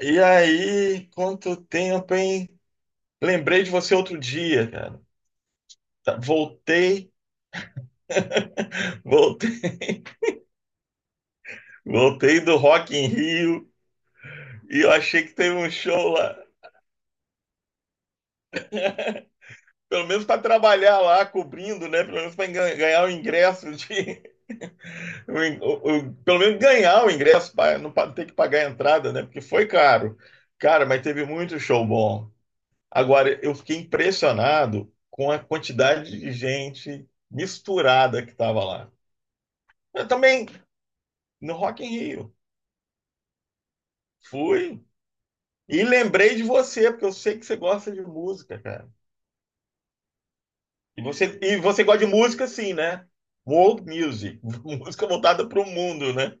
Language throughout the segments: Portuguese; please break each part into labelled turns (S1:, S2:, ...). S1: E aí, quanto tempo, hein? Lembrei de você outro dia, cara. Voltei, voltei, voltei do Rock in Rio e eu achei que teve um show lá. Pelo menos para trabalhar lá, cobrindo, né? Pelo menos para ganhar o o in- o- o- pelo menos ganhar o ingresso para não pa- ter que pagar a entrada, né? Porque foi caro. Cara, mas teve muito show bom. Agora, eu fiquei impressionado com a quantidade de gente misturada que estava lá. Eu também, no Rock in Rio, fui e lembrei de você, porque eu sei que você gosta de música, cara. E você gosta de música, sim, né? World music, música voltada para o mundo, né?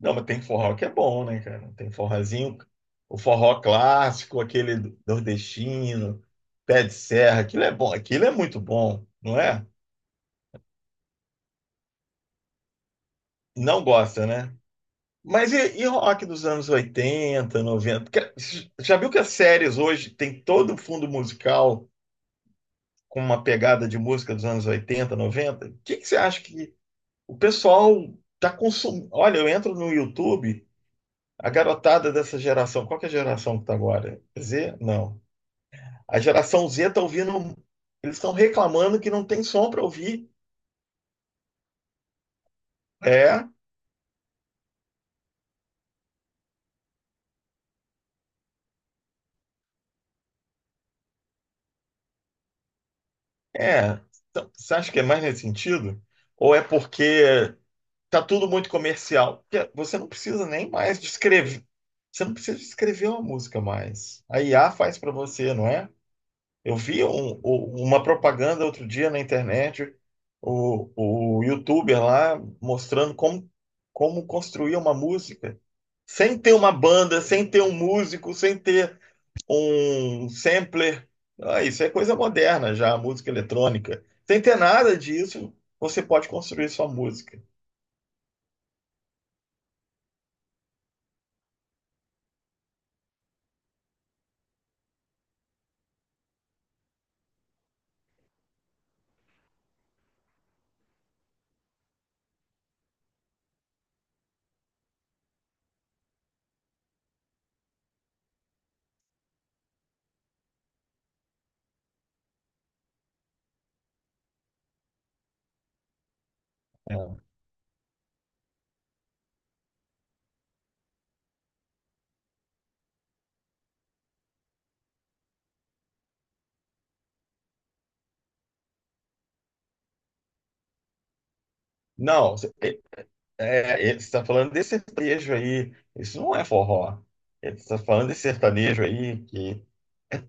S1: Não, mas tem forró que é bom, né, cara? Tem forrozinho, o forró clássico, aquele nordestino, pé de serra, aquilo é bom, aquilo é muito bom, não é? Não gosta, né? Mas e rock dos anos 80, 90? Porque já viu que as séries hoje tem todo o fundo musical com uma pegada de música dos anos 80, 90? O que que você acha que o pessoal está consumindo? Olha, eu entro no YouTube, a garotada dessa geração, qual que é a geração que está agora? Z? Não. A geração Z está ouvindo, eles estão reclamando que não tem som para ouvir. É, é. Então, você acha que é mais nesse sentido? Ou é porque tá tudo muito comercial. Você não precisa nem mais de escrever. Você não precisa de escrever uma música mais. A IA faz para você, não é? Eu vi uma propaganda outro dia na internet, o, o YouTuber lá mostrando como, como construir uma música. Sem ter uma banda, sem ter um músico, sem ter um sampler. Ah, isso é coisa moderna já, música eletrônica. Sem ter nada disso, você pode construir sua música. Não, é, ele está falando desse sertanejo aí. Isso não é forró. Ele está falando desse sertanejo aí, que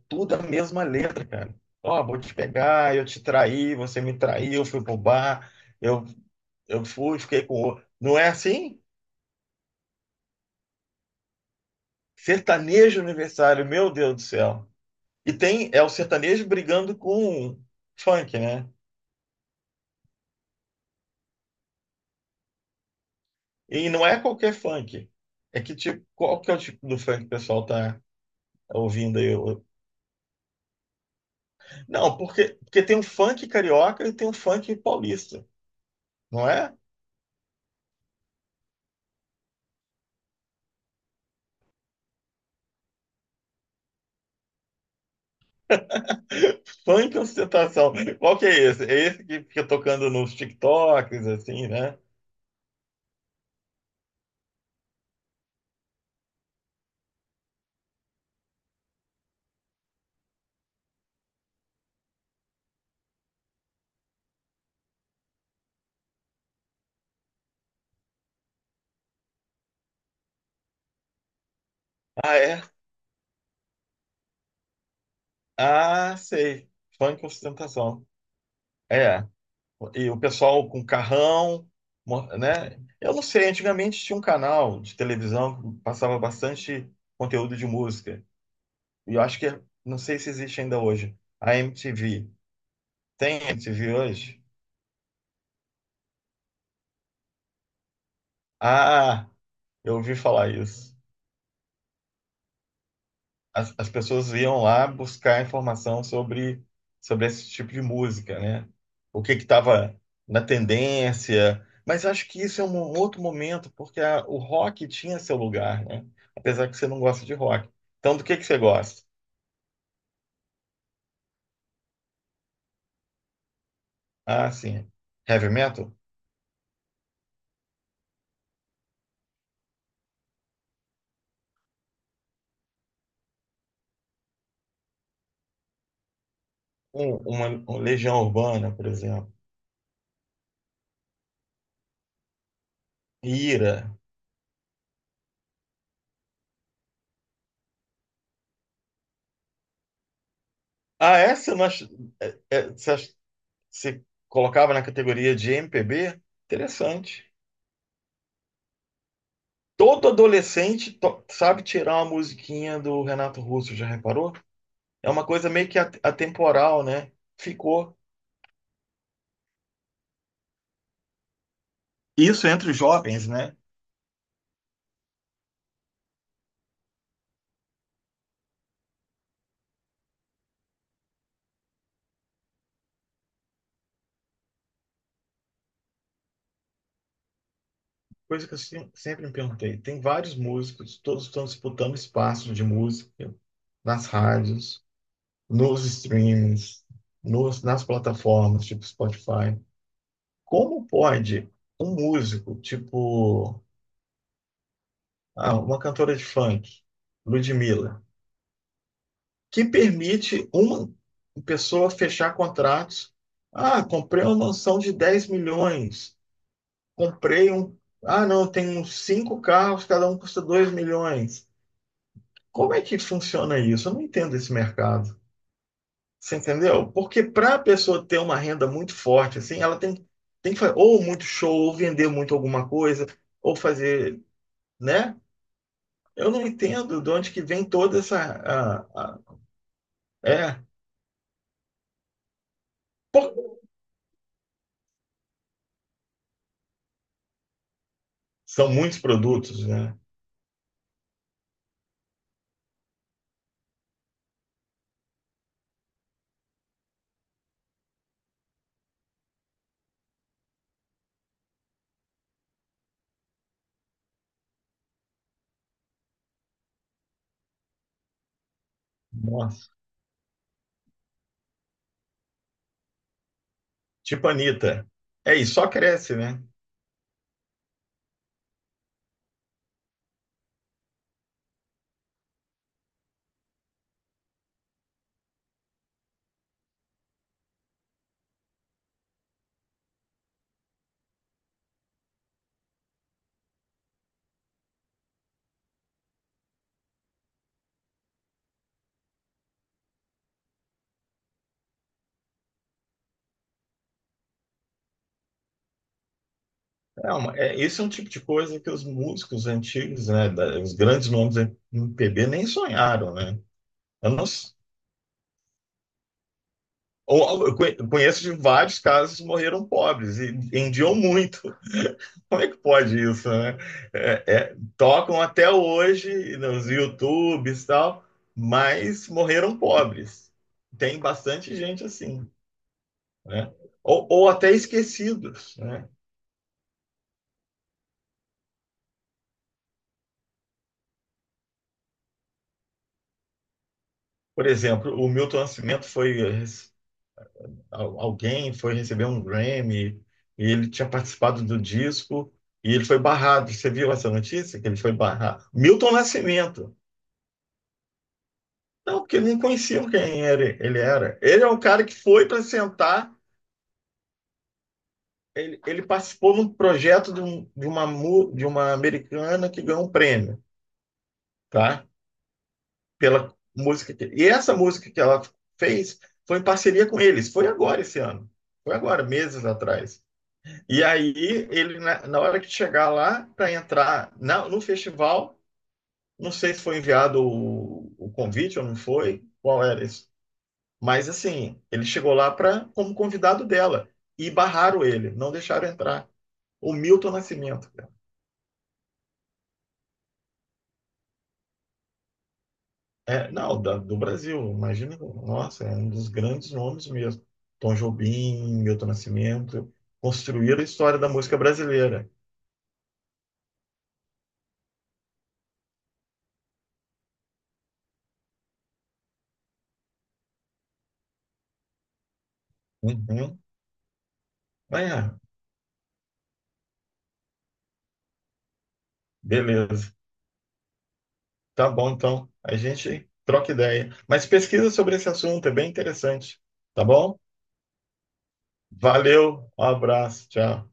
S1: tudo é a mesma letra, cara. Ó, vou te pegar, eu te traí, você me traiu, eu fui pro bar, eu, eu fui, fiquei com o outro. Não é assim? Sertanejo aniversário, meu Deus do céu. E tem, é o sertanejo brigando com funk, né? E não é qualquer funk. É que tipo, qual que é o tipo do funk que o pessoal tá ouvindo aí. Não, porque tem um funk carioca e tem um funk paulista, não é? Funk ostentação. Qual que é esse? É esse que fica tocando nos TikToks, assim, né? Ah, é? Ah, sei. Funk ostentação. É. E o pessoal com carrão, né? Eu não sei, antigamente tinha um canal de televisão que passava bastante conteúdo de música. E eu acho que, é, não sei se existe ainda hoje. A MTV. Tem MTV hoje? Ah! Eu ouvi falar isso. As pessoas iam lá buscar informação sobre esse tipo de música, né? O que que estava na tendência. Mas acho que isso é um outro momento, porque o rock tinha seu lugar, né? Apesar que você não gosta de rock. Então, do que você gosta? Ah, sim. Heavy metal? Uma Legião Urbana, por exemplo. Ira. Ah, essa nós, você você colocava na categoria de MPB? Interessante. Todo adolescente sabe tirar uma musiquinha do Renato Russo, já reparou? É uma coisa meio que atemporal, né? Ficou. Isso entre os jovens, né? Coisa que eu sempre me perguntei. Tem vários músicos, todos estão disputando espaço de música nas rádios, nos streams, nas plataformas, tipo Spotify. Como pode um músico, tipo, ah, uma cantora de funk, Ludmilla, que permite uma pessoa fechar contratos. Ah, comprei uma mansão de 10 milhões. Comprei um. Ah, não, tem uns cinco carros, cada um custa 2 milhões. Como é que funciona isso? Eu não entendo esse mercado. Você entendeu? Porque para a pessoa ter uma renda muito forte, assim, ela tem, tem que fazer ou muito show, ou vender muito alguma coisa, ou fazer, né? Eu não entendo de onde que vem toda é. Por- São muitos produtos, né? Nossa. Tipo Anitta. É, e só cresce, né? É uma, é, esse é um tipo de coisa que os músicos antigos, né, os grandes nomes do MPB nem sonharam, né? Eu não, s- ou- eu eu conheço de vários casos que morreram pobres e vendiam muito. Como é que pode isso, né? É, é, tocam até hoje nos YouTubes e tal, mas morreram pobres. Tem bastante gente assim, né? Ou até esquecidos, né? Por exemplo, o Milton Nascimento foi alguém foi receber um Grammy e ele tinha participado do disco e ele foi barrado. Você viu essa notícia que ele foi barrado? Milton Nascimento. Não, porque nem conheciam quem era. Ele é um cara que foi para sentar. Ele participou num projeto de de uma americana que ganhou um prêmio, tá? Pela música que, e essa música que ela fez foi em parceria com eles. Foi agora esse ano. Foi agora, meses atrás. E aí, ele, na hora que chegar lá, para entrar no festival, não sei se foi enviado o convite ou não foi, qual era isso. Mas assim, ele chegou lá pra, como convidado dela e barraram ele, não deixaram entrar. O Milton Nascimento, cara. É, não, do Brasil, imagina, nossa, é um dos grandes nomes mesmo. Tom Jobim, Milton Nascimento, construíram a história da música brasileira. Uhum. Ah, é, beleza. Tá bom, então. A gente troca ideia. Mas pesquisa sobre esse assunto, é bem interessante. Tá bom? Valeu, um abraço, tchau.